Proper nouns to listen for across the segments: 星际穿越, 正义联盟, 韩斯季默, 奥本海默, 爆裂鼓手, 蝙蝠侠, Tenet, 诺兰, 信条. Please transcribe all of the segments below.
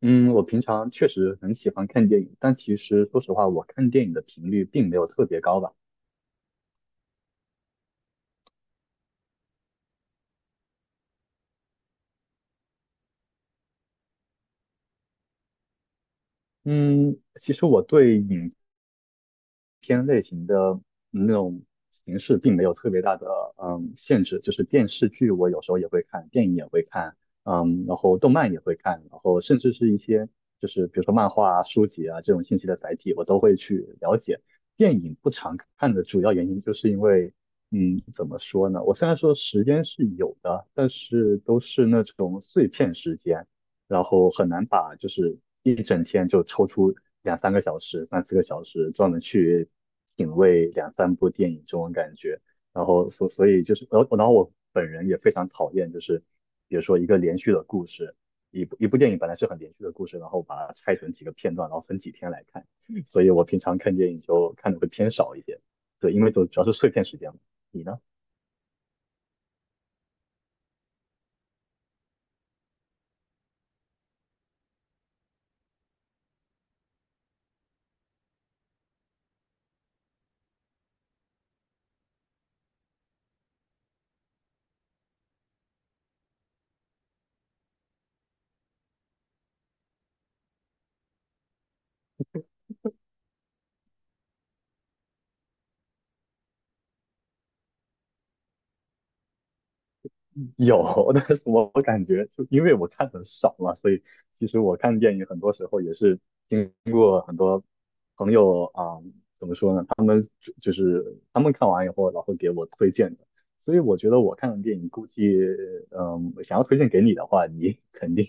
嗯，我平常确实很喜欢看电影，但其实说实话，我看电影的频率并没有特别高吧。嗯，其实我对影片类型的那种形式并没有特别大的限制，就是电视剧我有时候也会看，电影也会看，然后动漫也会看，然后甚至是一些就是比如说漫画啊、书籍啊这种信息的载体，我都会去了解。电影不常看的主要原因就是因为。怎么说呢？我虽然说时间是有的，但是都是那种碎片时间，然后很难把就是一整天就抽出两三个小时、三四个小时，专门去品味两三部电影这种感觉。然后所以就是，然后我本人也非常讨厌，就是比如说一个连续的故事，一部一部电影本来是很连续的故事，然后把它拆成几个片段，然后分几天来看。所以我平常看电影就看的会偏少一些，对，因为就主要是碎片时间嘛。你呢？有，但是我感觉就因为我看的少嘛，所以其实我看电影很多时候也是。朋友啊，怎么说呢？他们就是他们看完以后，然后给我推荐的。所以我觉得我看的电影，估计想要推荐给你的话，你 肯定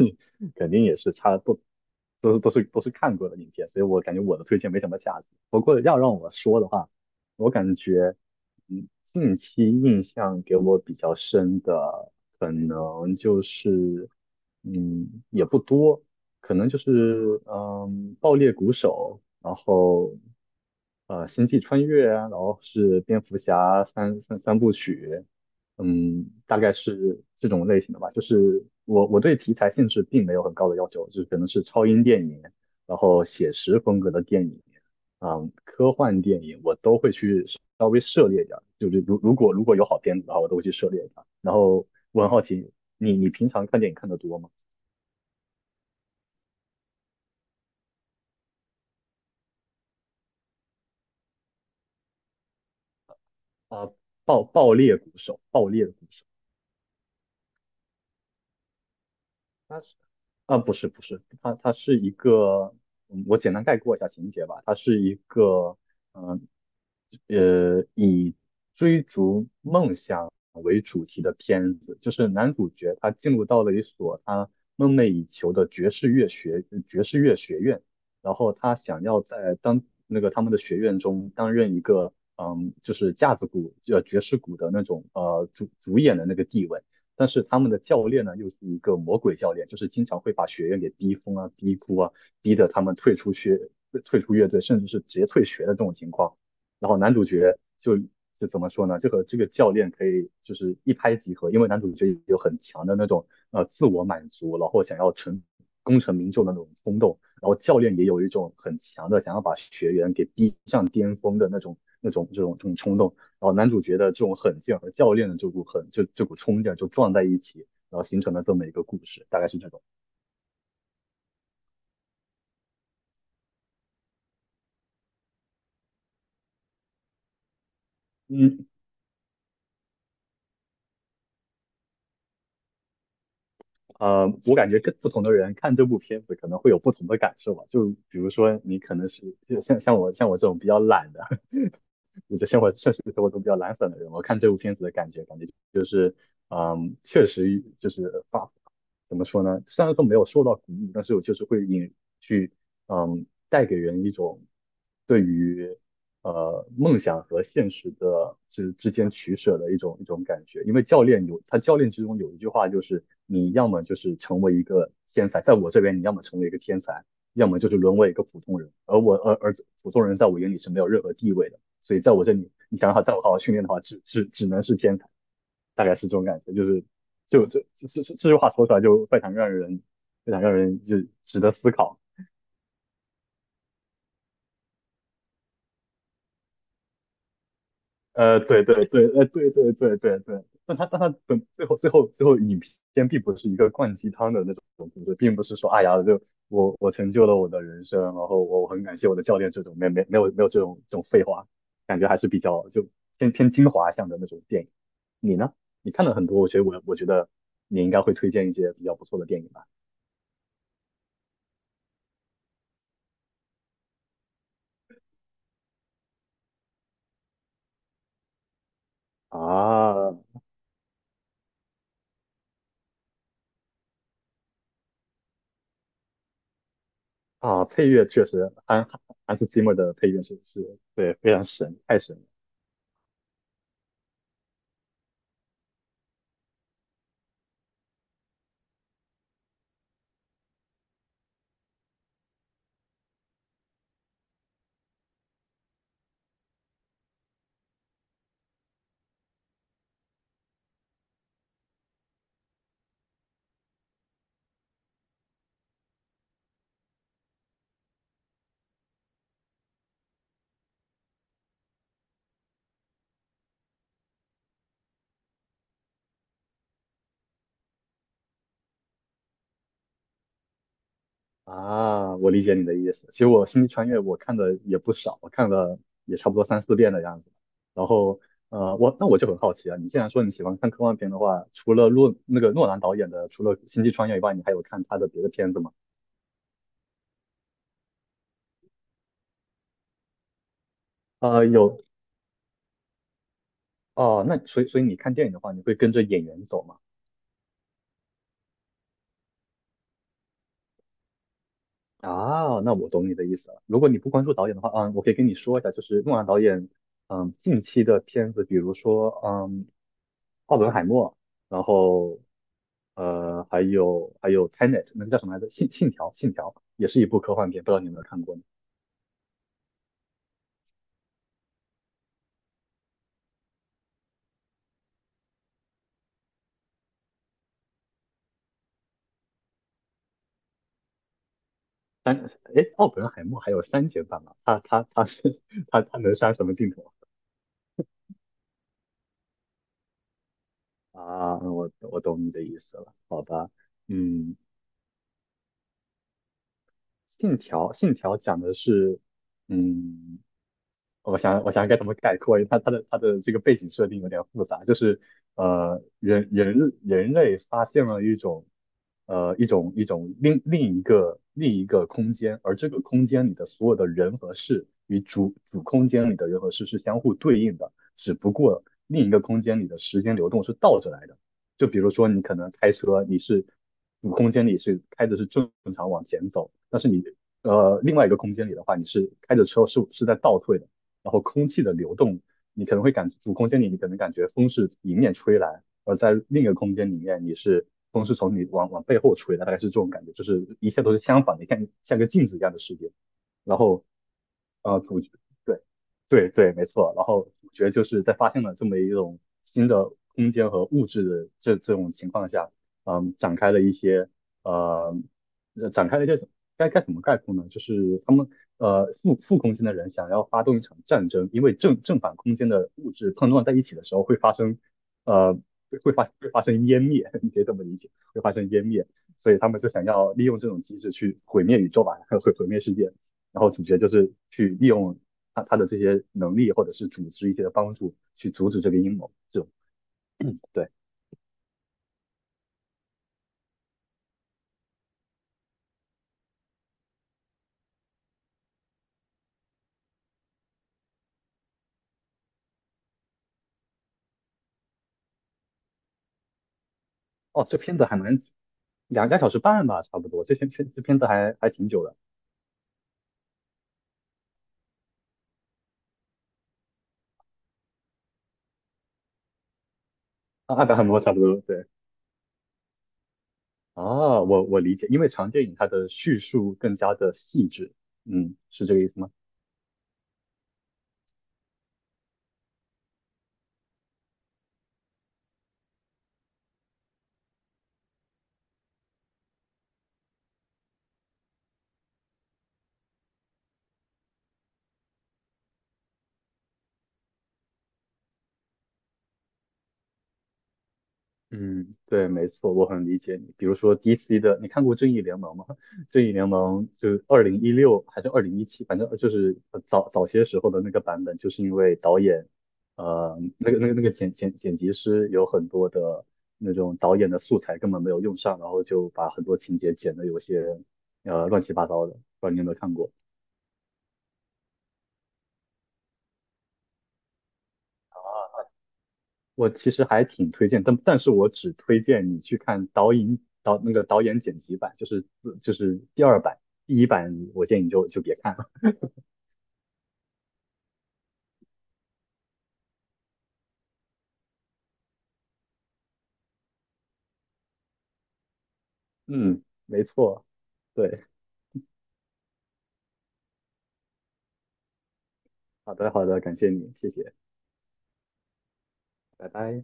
肯定也是差不都都是都是看过的影片。所以我感觉我的推荐没什么价值。不过要让我说的话，我感觉嗯，近期印象给我比较深的，可能就是也不多。可能就是爆裂鼓手，然后星际穿越啊，然后是蝙蝠侠三部曲，大概是这种类型的吧。就是我对题材性质并没有很高的要求，就是可能是超英电影，然后写实风格的电影，科幻电影我都会去稍微涉猎一点儿就是如果有好片子的话，我都会去涉猎一下。然后我很好奇，你平常看电影看的多吗？啊、爆裂鼓手，爆裂的鼓手，他是不是不是，他是一个，我简单概括一下情节吧，他是一个嗯以追逐梦想为主题的片子，就是男主角他进入到了一所他梦寐以求的爵士乐学院。然后他想要在当那个他们的学院中担任一个就是架子鼓呃爵士鼓的那种主演的那个地位，但是他们的教练呢，又是一个魔鬼教练，就是经常会把学员给逼疯啊、逼哭啊，逼得他们退出乐队，甚至是直接退学的这种情况。然后男主角就怎么说呢？这个教练可以就是一拍即合，因为男主角有很强的那种自我满足，然后想要成功成名就的那种冲动。然后教练也有一种很强的想要把学员给逼上巅峰的那种、这种冲动。然后男主角的这种狠劲和教练的这股狠，就这股冲劲就撞在一起，然后形成了这么一个故事，大概是这种。嗯，我感觉跟不同的人看这部片子可能会有不同的感受吧。就比如说你可能是像我这种比较懒的，我的生活确实生活中比较懒散的人，我看这部片子的感觉，感觉就是确实就是怎么说呢？虽然说没有受到鼓舞，但是我就是会引去嗯带给人一种对于梦想和现实的之间取舍的一种感觉。因为教练之中有一句话就是，你要么就是成为一个天才，在我这边你要么成为一个天才，要么就是沦为一个普通人。而我而而普通人在我眼里是没有任何地位的，所以在我这里，你想让他在我好好训练的话，只能是天才，大概是这种感觉，就是。就这句话说出来就非常让人值得思考。对对对，对对对对对，但他最后影片并不是一个灌鸡汤的那种故事，并不是说哎呀，就我成就了我的人生，然后我很感谢我的教练这种没有这种废话，感觉还是比较就偏精华向的那种电影。你呢？你看了很多，我觉得你应该会推荐一些比较不错的电影吧？啊啊，配乐确实，韩斯季默的配乐是对非常神，太神了。啊，我理解你的意思。其实我《星际穿越》我看的也不少，我看了也差不多三四遍的样子。然后，那我就很好奇啊，你既然说你喜欢看科幻片的话，除了诺那个诺兰导演的，除了《星际穿越》以外，你还有看他的别的片子吗？有哦。那所以你看电影的话，你会跟着演员走吗？啊，那我懂你的意思了。如果你不关注导演的话，我可以跟你说一下，就是诺兰导演，近期的片子，比如说，《奥本海默》，然后还有 Tenet，那个叫什么来着？信条，信条也是一部科幻片，不知道你有没有看过呢？三，哎，奥本海默还有删减版吗？他是 他能删什么镜头啊？嗯我懂你的意思了，好吧？嗯，信条讲的是，嗯。我想该怎么概括，因为它的这个背景设定有点复杂，就是人类发现了一种一种另一个空间，而这个空间里的所有的人和事与主空间里的人和事是相互对应的，只不过另一个空间里的时间流动是倒着来的。就比如说你可能开车，你是主空间里是开的是正常往前走，但是你另外一个空间里的话，你是开着车是在倒退的。然后空气的流动，你可能会感主空间里你可能感觉风是迎面吹来，而在另一个空间里面你是风是从你往背后吹的，大概是这种感觉，就是一切都是相反的，像个镜子一样的世界。然后，主角对对对，没错。然后主角就是在发现了这么一种新的空间和物质的这种情况下，嗯，展开了一些呃展开了一个该怎么概括呢？就是他们负空间的人想要发动一场战争，因为正反空间的物质碰撞在一起的时候会发生呃会发生湮灭，你可以这么理解，会发生湮灭，所以他们就想要利用这种机制去毁灭宇宙吧，毁灭世界。然后主角就是去利用他的这些能力或者是组织一些的帮助去阻止这个阴谋。这种 对哦，这片子还蛮两个小时半吧，差不多，这片子还挺久的。啊，达尔摩差不多，对，啊，我理解，因为长电影它的叙述更加的细致，是这个意思吗？嗯，对，没错，我很理解你。比如说 DC 的，你看过《正义联盟》吗？《正义联盟》就2016还是2017，反正就是早些时候的那个版本，就是因为导演，那个剪辑师有很多的那种导演的素材根本没有用上，然后就把很多情节剪的有些乱七八糟的，不知道你有没有看过？我其实还挺推荐，但是我只推荐你去看导演导那个导演剪辑版，就是第二版，第一版我建议你就别看了。嗯，没错，对，好的好的，感谢你，谢谢，拜拜。